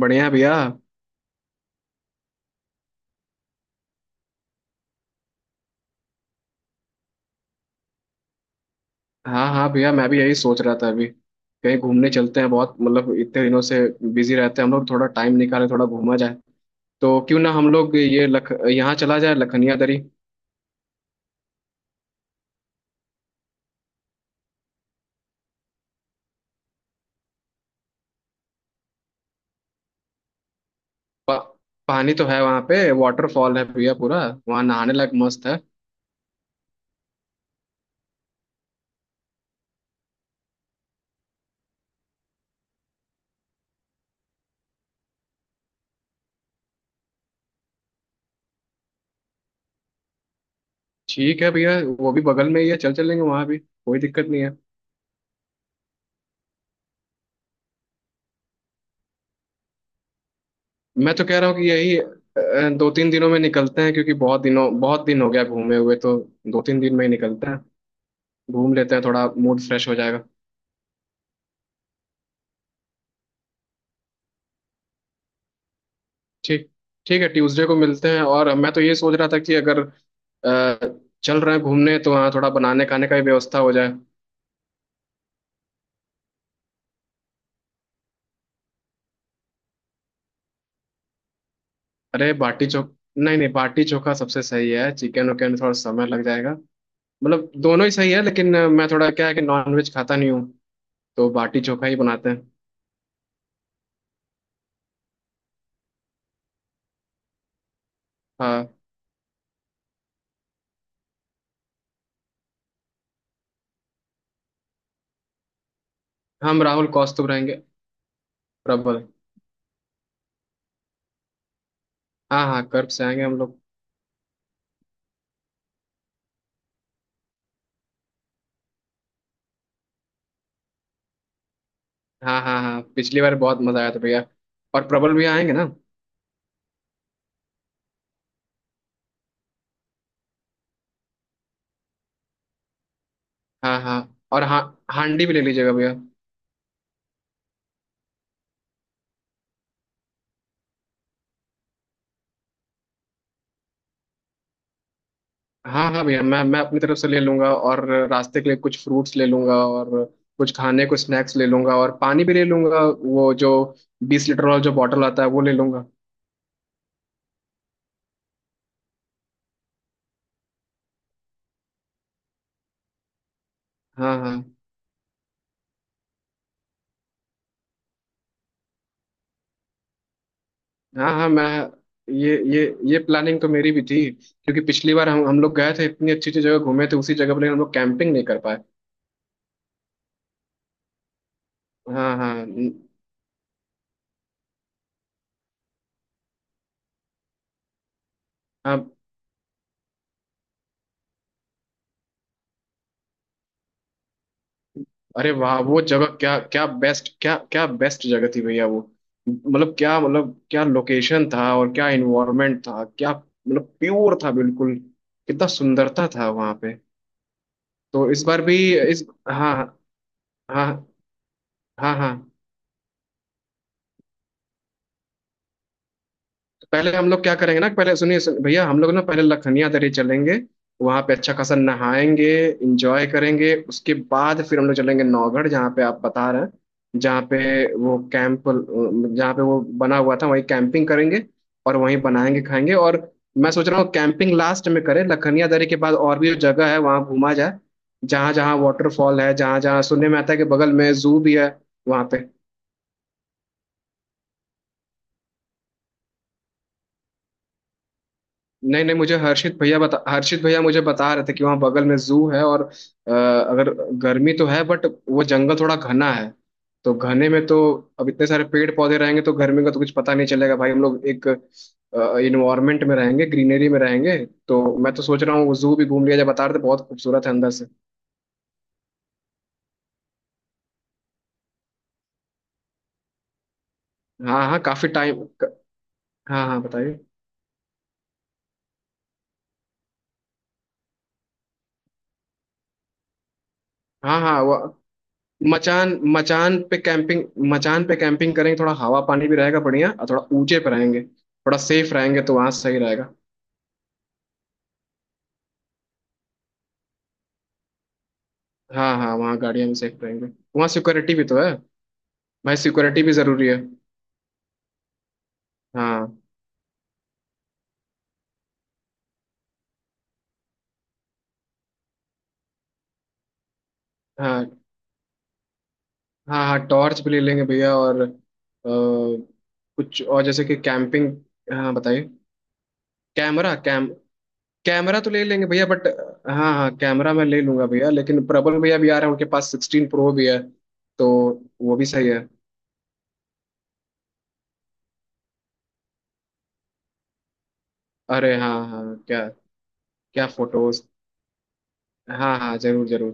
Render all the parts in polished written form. बढ़िया है भैया। हाँ हाँ भैया, मैं भी यही सोच रहा था अभी। कहीं घूमने चलते हैं, बहुत मतलब इतने दिनों से बिजी रहते हैं हम लोग। थोड़ा टाइम निकाले, थोड़ा घूमा जाए। तो क्यों ना हम लोग ये लख यहाँ चला जाए लखनिया दरी। पा, पानी तो है वहाँ पे, वाटरफॉल है भैया, पूरा वहाँ नहाने लायक मस्त है। ठीक है भैया, वो भी बगल में ही है, चल चलेंगे, वहाँ भी कोई दिक्कत नहीं है। मैं तो कह रहा हूँ कि यही 2-3 दिनों में निकलते हैं क्योंकि बहुत दिन हो गया घूमे हुए। तो 2-3 दिन में ही निकलते हैं, घूम लेते हैं, थोड़ा मूड फ्रेश हो जाएगा। ठीक, ठीक है, ट्यूसडे को मिलते हैं। और मैं तो ये सोच रहा था कि अगर चल रहे हैं घूमने तो वहाँ थोड़ा बनाने खाने का भी व्यवस्था हो जाए। अरे बाटी चोख नहीं नहीं, बाटी चोखा सबसे सही है, चिकन उकन में थोड़ा समय लग जाएगा। मतलब दोनों ही सही है, लेकिन मैं थोड़ा, क्या है कि नॉनवेज खाता नहीं हूँ, तो बाटी चोखा ही बनाते हैं। हाँ, हम राहुल कौस्तुभ रहेंगे। प्रबल। हाँ हाँ, कर्ब से आएंगे हम लोग। हाँ हाँ हाँ, पिछली बार बहुत मजा आया था भैया। और प्रबल भी आएंगे ना। हाँ हाँ। और हाँ, हांडी भी ले लीजिएगा भैया। हाँ हाँ भैया, मैं अपनी तरफ से ले लूंगा, और रास्ते के लिए कुछ फ्रूट्स ले लूंगा, और कुछ खाने को स्नैक्स ले लूंगा, और पानी भी ले लूंगा। वो जो 20 लीटर वाला जो बॉटल आता है वो ले लूंगा। हाँ हाँ हाँ हाँ। मैं ये ये ये प्लानिंग तो मेरी भी थी क्योंकि पिछली बार हम लोग गए थे, इतनी अच्छी अच्छी जगह घूमे थे उसी जगह पर, लेकिन हम लोग कैंपिंग नहीं कर पाए। हाँ हाँ हाँ। अरे वाह, वो जगह क्या क्या बेस्ट, क्या क्या बेस्ट जगह थी भैया वो। मतलब क्या, मतलब क्या लोकेशन था, और क्या इन्वायरमेंट था, क्या मतलब प्योर था बिल्कुल। कितना सुंदरता था वहां पे। तो इस बार भी। इस हाँ हाँ हाँ हाँ हाँ। पहले हम लोग क्या करेंगे ना, पहले सुनिए भैया हम लोग ना पहले लखनिया दर्रे चलेंगे, वहां पे अच्छा खासा नहाएंगे, इंजॉय करेंगे, उसके बाद फिर हम लोग चलेंगे नौगढ़ जहाँ पे आप बता रहे हैं, जहाँ पे वो कैंप, जहाँ पे वो बना हुआ था वहीं कैंपिंग करेंगे, और वहीं बनाएंगे खाएंगे। और मैं सोच रहा हूँ कैंपिंग लास्ट में करें, लखनिया दर्रे के बाद और भी जो जगह है वहाँ घूमा जाए, जहाँ जहाँ वाटरफॉल है, जहाँ जहाँ सुनने में आता है कि बगल में जू भी है वहाँ पे। नहीं नहीं, मुझे हर्षित भैया बता हर्षित भैया मुझे बता रहे थे कि वहाँ बगल में जू है, और अगर गर्मी तो है बट वो जंगल थोड़ा घना है, तो घने में तो अब इतने सारे पेड़ पौधे रहेंगे तो गर्मी का तो कुछ पता नहीं चलेगा भाई, हम लोग एक इन्वायरमेंट में रहेंगे, ग्रीनरी में रहेंगे। तो मैं तो सोच रहा हूँ वो जू भी घूम लिया जाए, बता रहे थे बहुत खूबसूरत है अंदर से। हाँ हाँ, काफी टाइम। हाँ हाँ बताइए। हाँ हाँ, वो मचान, मचान पे कैंपिंग करेंगे, थोड़ा हवा पानी भी रहेगा बढ़िया, और थोड़ा ऊंचे पे रहेंगे, थोड़ा सेफ रहेंगे, तो वहां सही रहेगा। हाँ हाँ, वहाँ गाड़ियाँ भी सेफ रहेंगे, वहाँ सिक्योरिटी भी तो है, भाई सिक्योरिटी भी जरूरी है। हाँ हाँ हाँ हाँ, टॉर्च भी ले लेंगे भैया और कुछ और जैसे कि कैंपिंग। हाँ बताइए। कैमरा कैम कैमरा तो ले लेंगे भैया बट। हाँ हाँ, कैमरा मैं ले लूंगा भैया, लेकिन प्रबल भैया भी आ रहे हैं, उनके पास 16 प्रो भी है। तो वो भी सही है। अरे हाँ हाँ, क्या, क्या फोटोज। हाँ हाँ जरूर जरूर।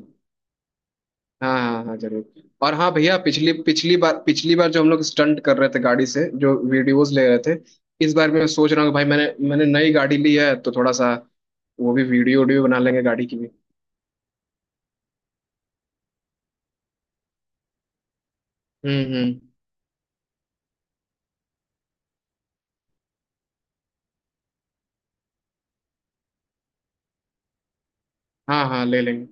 हाँ हाँ हाँ जरूर। और हाँ भैया, पिछली पिछली बार जो हम लोग स्टंट कर रहे थे, गाड़ी से जो वीडियोस ले रहे थे, इस बार मैं सोच रहा हूँ कि भाई मैंने मैंने नई गाड़ी ली है, तो थोड़ा सा वो भी वीडियो वीडियो बना लेंगे गाड़ी की भी। हम्म। हाँ हाँ ले लेंगे।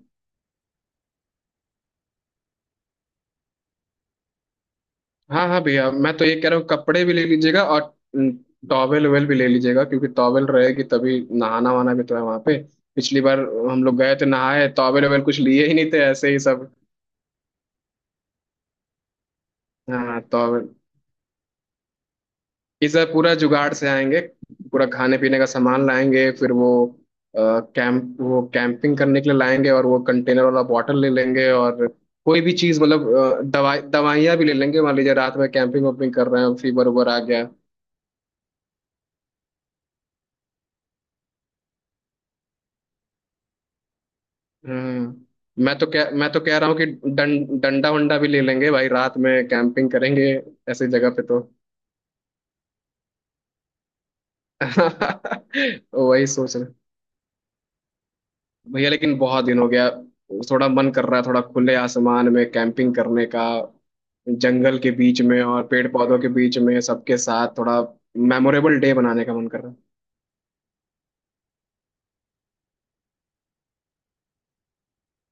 हाँ हाँ भैया, मैं तो ये कह रहा हूँ कपड़े भी ले लीजिएगा, और टॉवेल वेल भी ले लीजिएगा क्योंकि टॉवेल रहेगी तभी नहाना वहाना भी तो है वहाँ पे। पिछली बार हम लोग गए थे नहाए, टॉवेल वेल कुछ लिए ही नहीं थे, ऐसे ही सब। हाँ तो इस बार पूरा जुगाड़ से आएंगे, पूरा खाने पीने का सामान लाएंगे, फिर वो कैंप, वो कैंपिंग करने के लिए लाएंगे, और वो कंटेनर वाला बॉटल ले लेंगे, और कोई भी चीज मतलब दवाई दवाइयाँ भी ले लेंगे, मान लीजिए रात में कैंपिंग वैम्पिंग कर रहे हैं, फीवर उबर आ गया। हम्म, मैं तो कह रहा हूँ कि डंडा वंडा भी ले लेंगे भाई, रात में कैंपिंग करेंगे ऐसी जगह पे तो। वही सोच। भैया लेकिन बहुत दिन हो गया, थोड़ा मन कर रहा है, थोड़ा खुले आसमान में कैंपिंग करने का, जंगल के बीच में और पेड़ पौधों के बीच में सबके साथ, थोड़ा मेमोरेबल डे बनाने का मन कर रहा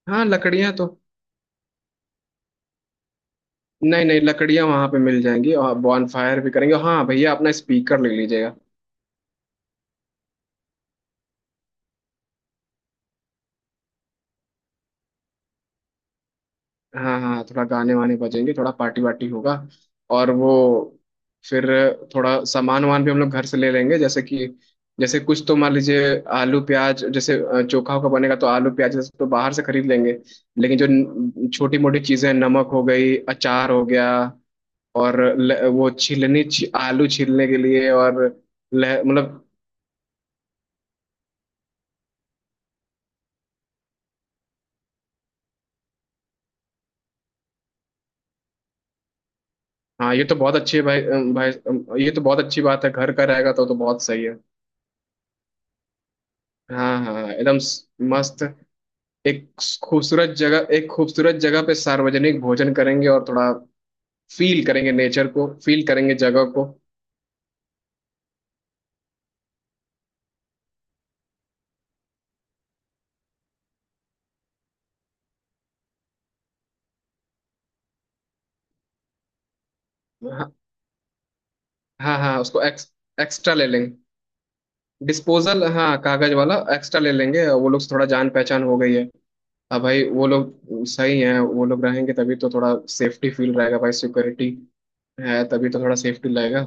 है। हाँ, लकड़ियाँ तो, नहीं नहीं, लकड़ियाँ वहाँ पे मिल जाएंगी, और बॉन फायर भी करेंगे। हाँ भैया, अपना स्पीकर ले लीजिएगा। हाँ हाँ, थोड़ा गाने वाने बजेंगे, थोड़ा पार्टी वार्टी होगा। और वो फिर थोड़ा सामान वान भी हम लोग घर से ले लेंगे, जैसे कि, जैसे कुछ तो मान लीजिए आलू प्याज, जैसे चोखा का बनेगा तो आलू प्याज जैसे तो बाहर से खरीद लेंगे, लेकिन जो छोटी मोटी चीजें हैं, नमक हो गई, अचार हो गया, और वो छीलनी आलू छीलने के लिए, और मतलब। हाँ ये तो बहुत अच्छी है भाई, ये तो बहुत अच्छी बात है, घर का रहेगा तो बहुत सही है। हाँ हाँ हाँ, एकदम मस्त। एक खूबसूरत जगह पे सार्वजनिक भोजन करेंगे, और थोड़ा फील करेंगे, नेचर को फील करेंगे, जगह को। हाँ हाँ हाँ, उसको एक्स्ट्रा ले लेंगे। डिस्पोजल हाँ, कागज वाला एक्स्ट्रा ले लेंगे, और वो लोग से थोड़ा जान पहचान हो गई है। अब भाई वो लोग सही हैं, वो लोग रहेंगे तभी तो थोड़ा सेफ्टी फील रहेगा, भाई सिक्योरिटी है तभी तो थोड़ा सेफ्टी रहेगा।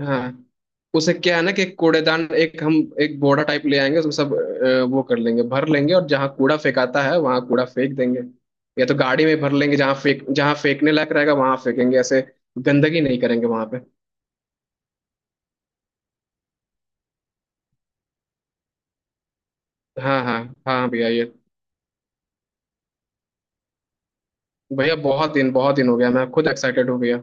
हाँ, उसे क्या है ना कि एक कूड़ेदान, एक बोरा टाइप ले आएंगे, उसमें सब वो कर लेंगे, भर लेंगे, और जहाँ कूड़ा फेंकाता है वहां कूड़ा फेंक देंगे, या तो गाड़ी में भर लेंगे, जहाँ फेंकने लायक रहेगा वहां फेंकेंगे, ऐसे गंदगी नहीं करेंगे वहां पे। हाँ हाँ हाँ भैया ये, भैया बहुत दिन हो गया, मैं खुद एक्साइटेड हो गया।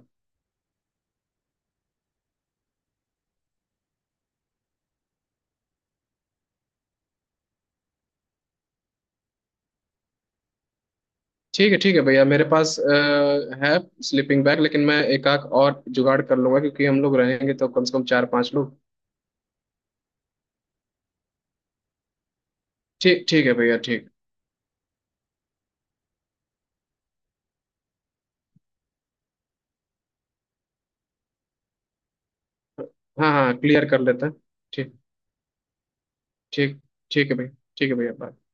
ठीक है भैया, मेरे पास है स्लीपिंग बैग, लेकिन मैं एक आध और जुगाड़ कर लूंगा क्योंकि हम लोग रहेंगे तो कम से कम चार पांच लोग। ठीक, ठीक है भैया, ठीक। हाँ हाँ क्लियर कर लेते हैं। ठीक। ठीक, ठीक है भाई। ठीक है भैया bye।